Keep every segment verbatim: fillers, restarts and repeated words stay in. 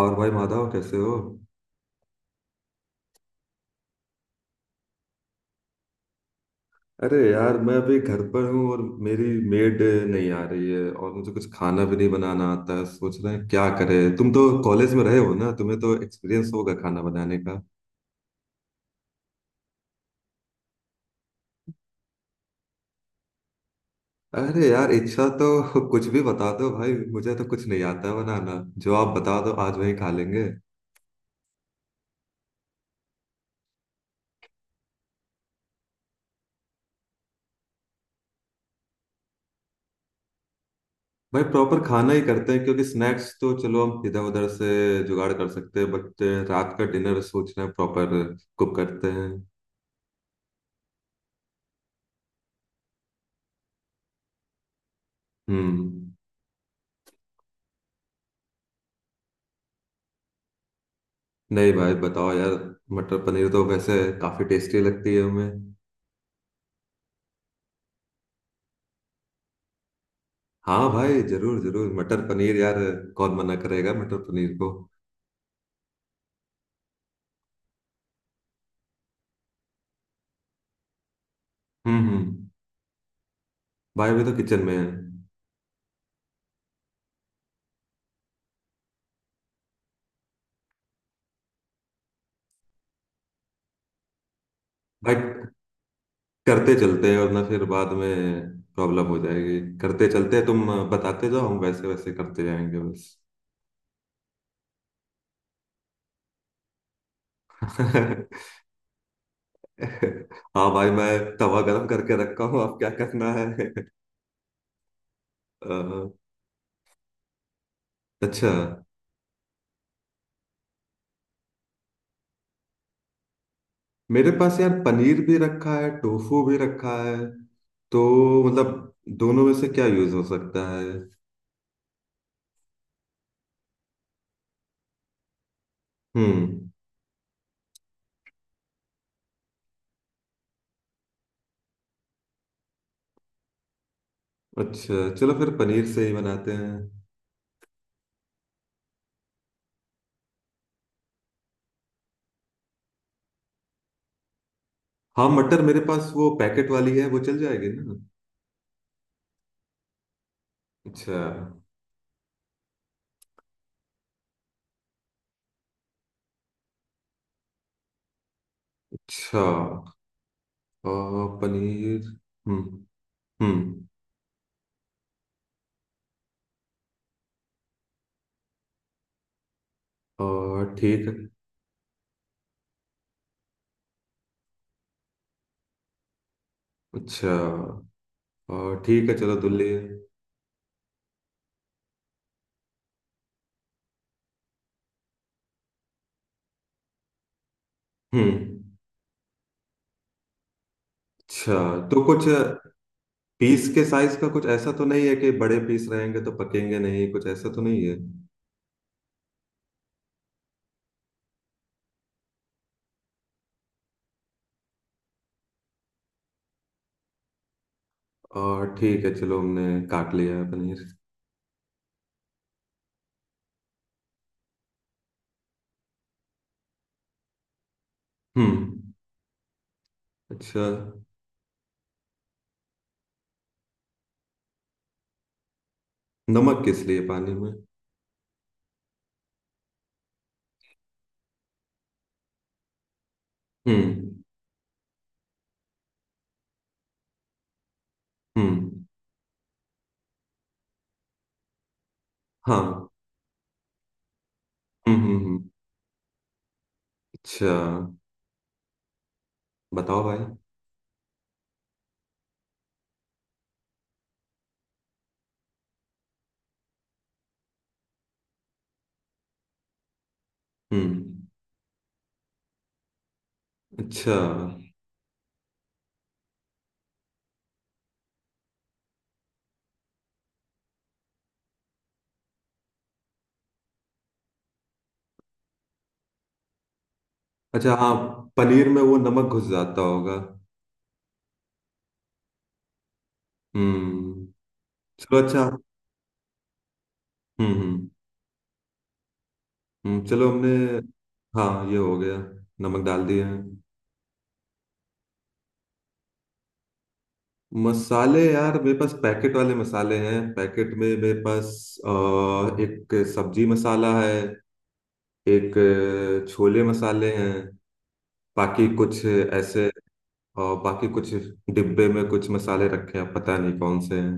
और भाई माधव कैसे हो? अरे यार, मैं अभी घर पर हूँ और मेरी मेड नहीं आ रही है। और मुझे कुछ खाना भी नहीं बनाना आता है। सोच रहे हैं क्या करें। तुम तो कॉलेज में रहे हो ना, तुम्हें तो एक्सपीरियंस होगा खाना बनाने का। अरे यार, इच्छा तो कुछ भी बता दो भाई, मुझे तो कुछ नहीं आता है बनाना। जो आप बता दो, आज वही खा लेंगे। भाई प्रॉपर खाना ही करते हैं, क्योंकि स्नैक्स तो चलो हम इधर उधर से जुगाड़ कर सकते हैं, बट रात का डिनर सोचना है, प्रॉपर कुक करते हैं। हम्म। नहीं भाई, बताओ यार, मटर पनीर तो वैसे काफी टेस्टी लगती है हमें। हाँ भाई, जरूर जरूर, मटर पनीर यार, कौन मना करेगा मटर पनीर को? हम्म हम्म। भाई अभी तो किचन में है। भाई करते चलते हैं, वरना फिर बाद में प्रॉब्लम हो जाएगी। करते चलते हैं, तुम बताते जाओ, हम वैसे वैसे करते जाएंगे बस। हाँ भाई, मैं तवा गरम करके रखा हूँ, अब क्या करना है? अ, अच्छा। मेरे पास यार पनीर भी रखा है, टोफू भी रखा है। तो मतलब दोनों में से क्या यूज हो सकता है? हम्म। अच्छा, चलो फिर पनीर से ही बनाते हैं। हाँ, मटर मेरे पास वो पैकेट वाली है, वो चल जाएगी ना? अच्छा। अच्छा अ, पनीर। हम्म हम्म। और ठीक है। अच्छा। और ठीक है, चलो दुल्ले। हम्म। अच्छा। तो कुछ पीस के साइज का कुछ ऐसा तो नहीं है कि बड़े पीस रहेंगे तो पकेंगे नहीं, कुछ ऐसा तो नहीं है? और ठीक है, चलो हमने काट लिया है पनीर। हम्म। अच्छा। नमक किस लिए पानी में? हम्म हम्म। हाँ। हम्म हम्म हम्म। अच्छा। बताओ भाई। हम्म। अच्छा। अच्छा हाँ, पनीर में वो नमक घुस जाता होगा। हम्म। चलो अच्छा, हम्म। हम्म हम्म, चलो हमने। हाँ, ये हो गया, नमक डाल दिया है। मसाले यार, मेरे पास पैकेट वाले मसाले हैं, पैकेट में मेरे पास अ, एक सब्जी मसाला है, एक अ, छोले मसाले हैं, बाकी कुछ ऐसे अ, बाकी कुछ डिब्बे में कुछ मसाले रखे हैं, पता नहीं कौन से हैं।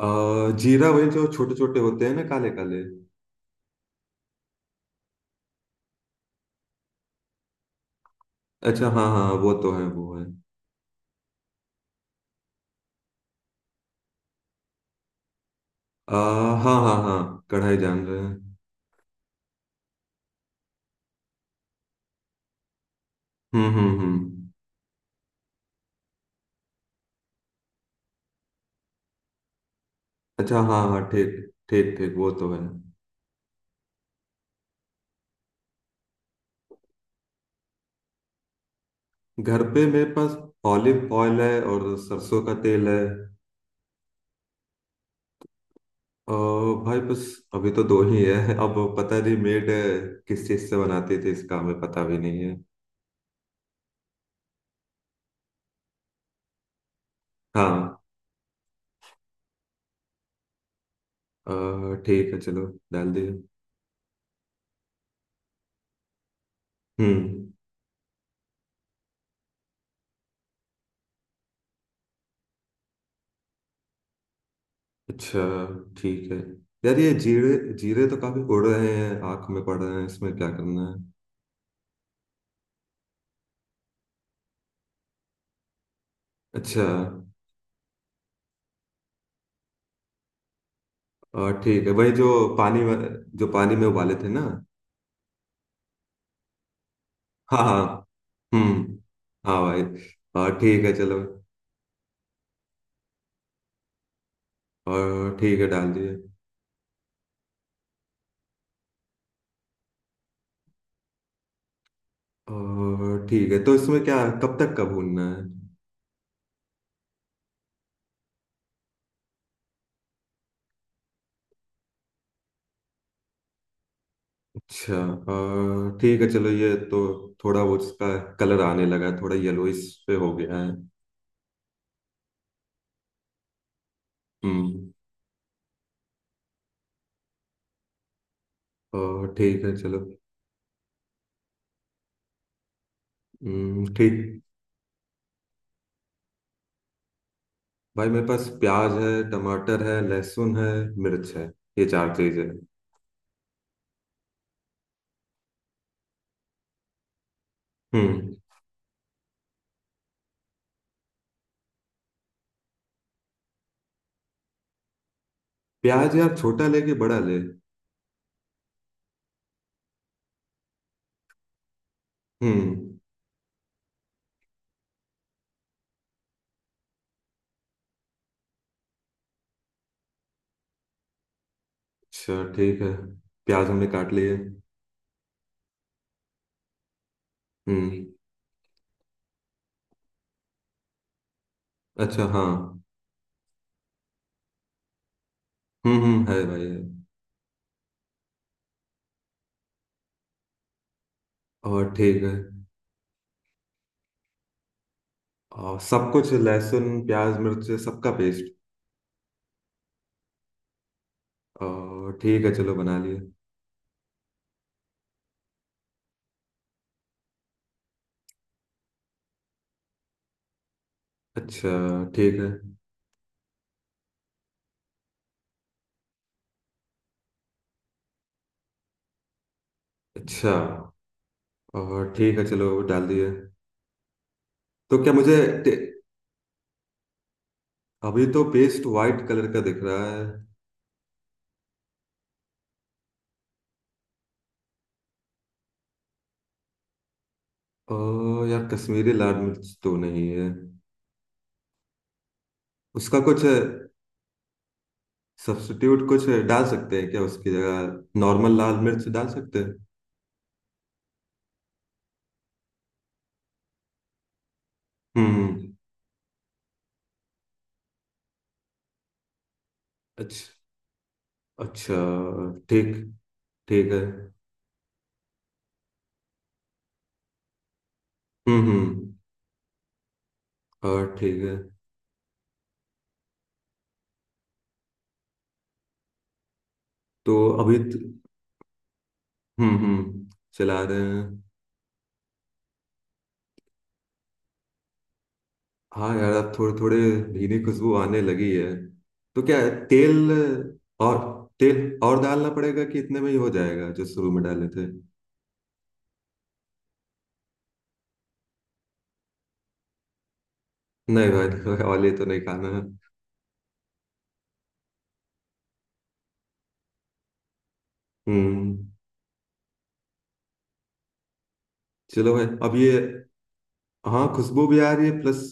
अ, जीरा वही जो छोटे छोटे होते हैं ना, काले काले। अच्छा हाँ हाँ, वो तो है, वो है। अ, हाँ हाँ हाँ, कढ़ाई जान रहे हैं। हम्म हम्म हम्म। अच्छा हाँ हाँ, ठीक। ठीक ठीक, वो तो है। घर पे मेरे पास ऑलिव ऑयल है और सरसों का तेल है। और भाई बस, अभी तो दो ही है, अब पता नहीं मेड किस चीज से बनाती थी, इसका हमें पता भी नहीं है। हाँ, अ, ठीक है चलो, डाल दिए। हम्म। अच्छा ठीक है। यार, ये जीरे जीरे तो काफी उड़ रहे हैं, आंख में पड़ रहे हैं, इसमें क्या करना है? अच्छा। अ, ठीक है भाई, जो पानी में जो पानी में उबाले थे ना। हाँ हाँ। हम्म। हाँ भाई। अ, ठीक है चलो। और ठीक है, डाल दिए। और ठीक है, तो इसमें क्या, कब तक का भूनना है? अच्छा, और ठीक है, चलो ये तो थोड़ा वो इसका कलर आने लगा है, थोड़ा येलोइश पे हो गया है। हम्म। और ठीक है चलो। हम्म, ठीक। भाई मेरे पास प्याज है, टमाटर है, लहसुन है, मिर्च है, ये चार चीज है। हम्म। प्याज यार, छोटा ले कि बड़ा ले? हम्म। अच्छा ठीक है, प्याज हमने काट लिए। हम्म। अच्छा हाँ। हम्म हम्म, है भाई है। और ठीक है। और सब कुछ, लहसुन प्याज मिर्च, सबका पेस्ट? और ठीक है, चलो बना लिए। अच्छा ठीक है। अच्छा, और ठीक है, चलो डाल दिए। तो क्या मुझे टे- अभी तो पेस्ट वाइट कलर का दिख रहा है। ओ यार, कश्मीरी लाल मिर्च तो नहीं है। उसका कुछ सब्स्टिट्यूट कुछ डाल सकते हैं क्या, उसकी जगह नॉर्मल लाल मिर्च डाल सकते हैं? हम्म हम्म। अच्छा अच्छा। ठीक, ठीक है। हम्म हम्म। और ठीक है। तो अभी त- हम्म हम्म, चला रहे हैं। हाँ यार, अब थोड़े थोड़े भीनी खुशबू आने लगी है। तो क्या है, तेल और तेल और डालना पड़ेगा कि इतने में ही हो जाएगा जो शुरू में डाले थे? नहीं भाई, नहीं, वाले तो नहीं खाना है। हम्म। चलो भाई, अब ये। हाँ, खुशबू भी आ रही है, प्लस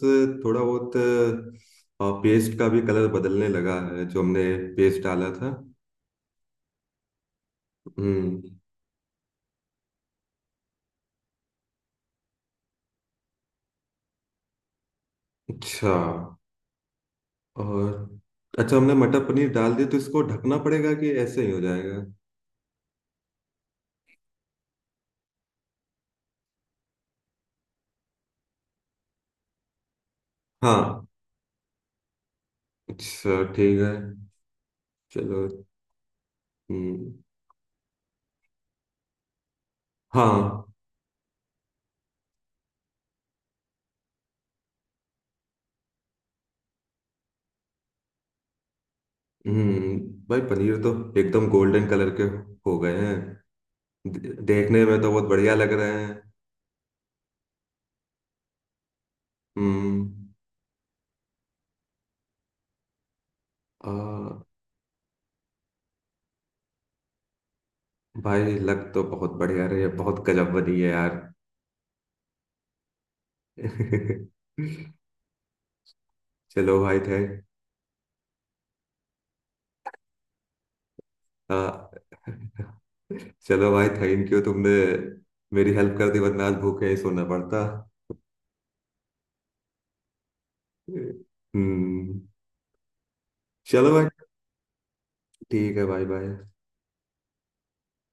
थोड़ा बहुत पेस्ट का भी कलर बदलने लगा है, जो हमने पेस्ट डाला था। हम्म। अच्छा। और अच्छा, हमने मटर पनीर डाल दिया, तो इसको ढकना पड़ेगा कि ऐसे ही हो जाएगा? हाँ अच्छा, ठीक है चलो। हम्म, हाँ। हम्म। भाई पनीर तो एकदम गोल्डन कलर के हो गए हैं, दे- देखने में तो बहुत बढ़िया लग रहे हैं। हम्म। आ, भाई, लग तो बहुत बढ़िया रही है, बहुत गजब बनी है यार। चलो भाई थे। हाँ, चलो भाई, थैंक यू, तुमने मेरी हेल्प कर दी, वरना आज भूखे ही सोना पड़ता। हम्म। चलो भाई, ठीक है भाई, बाय।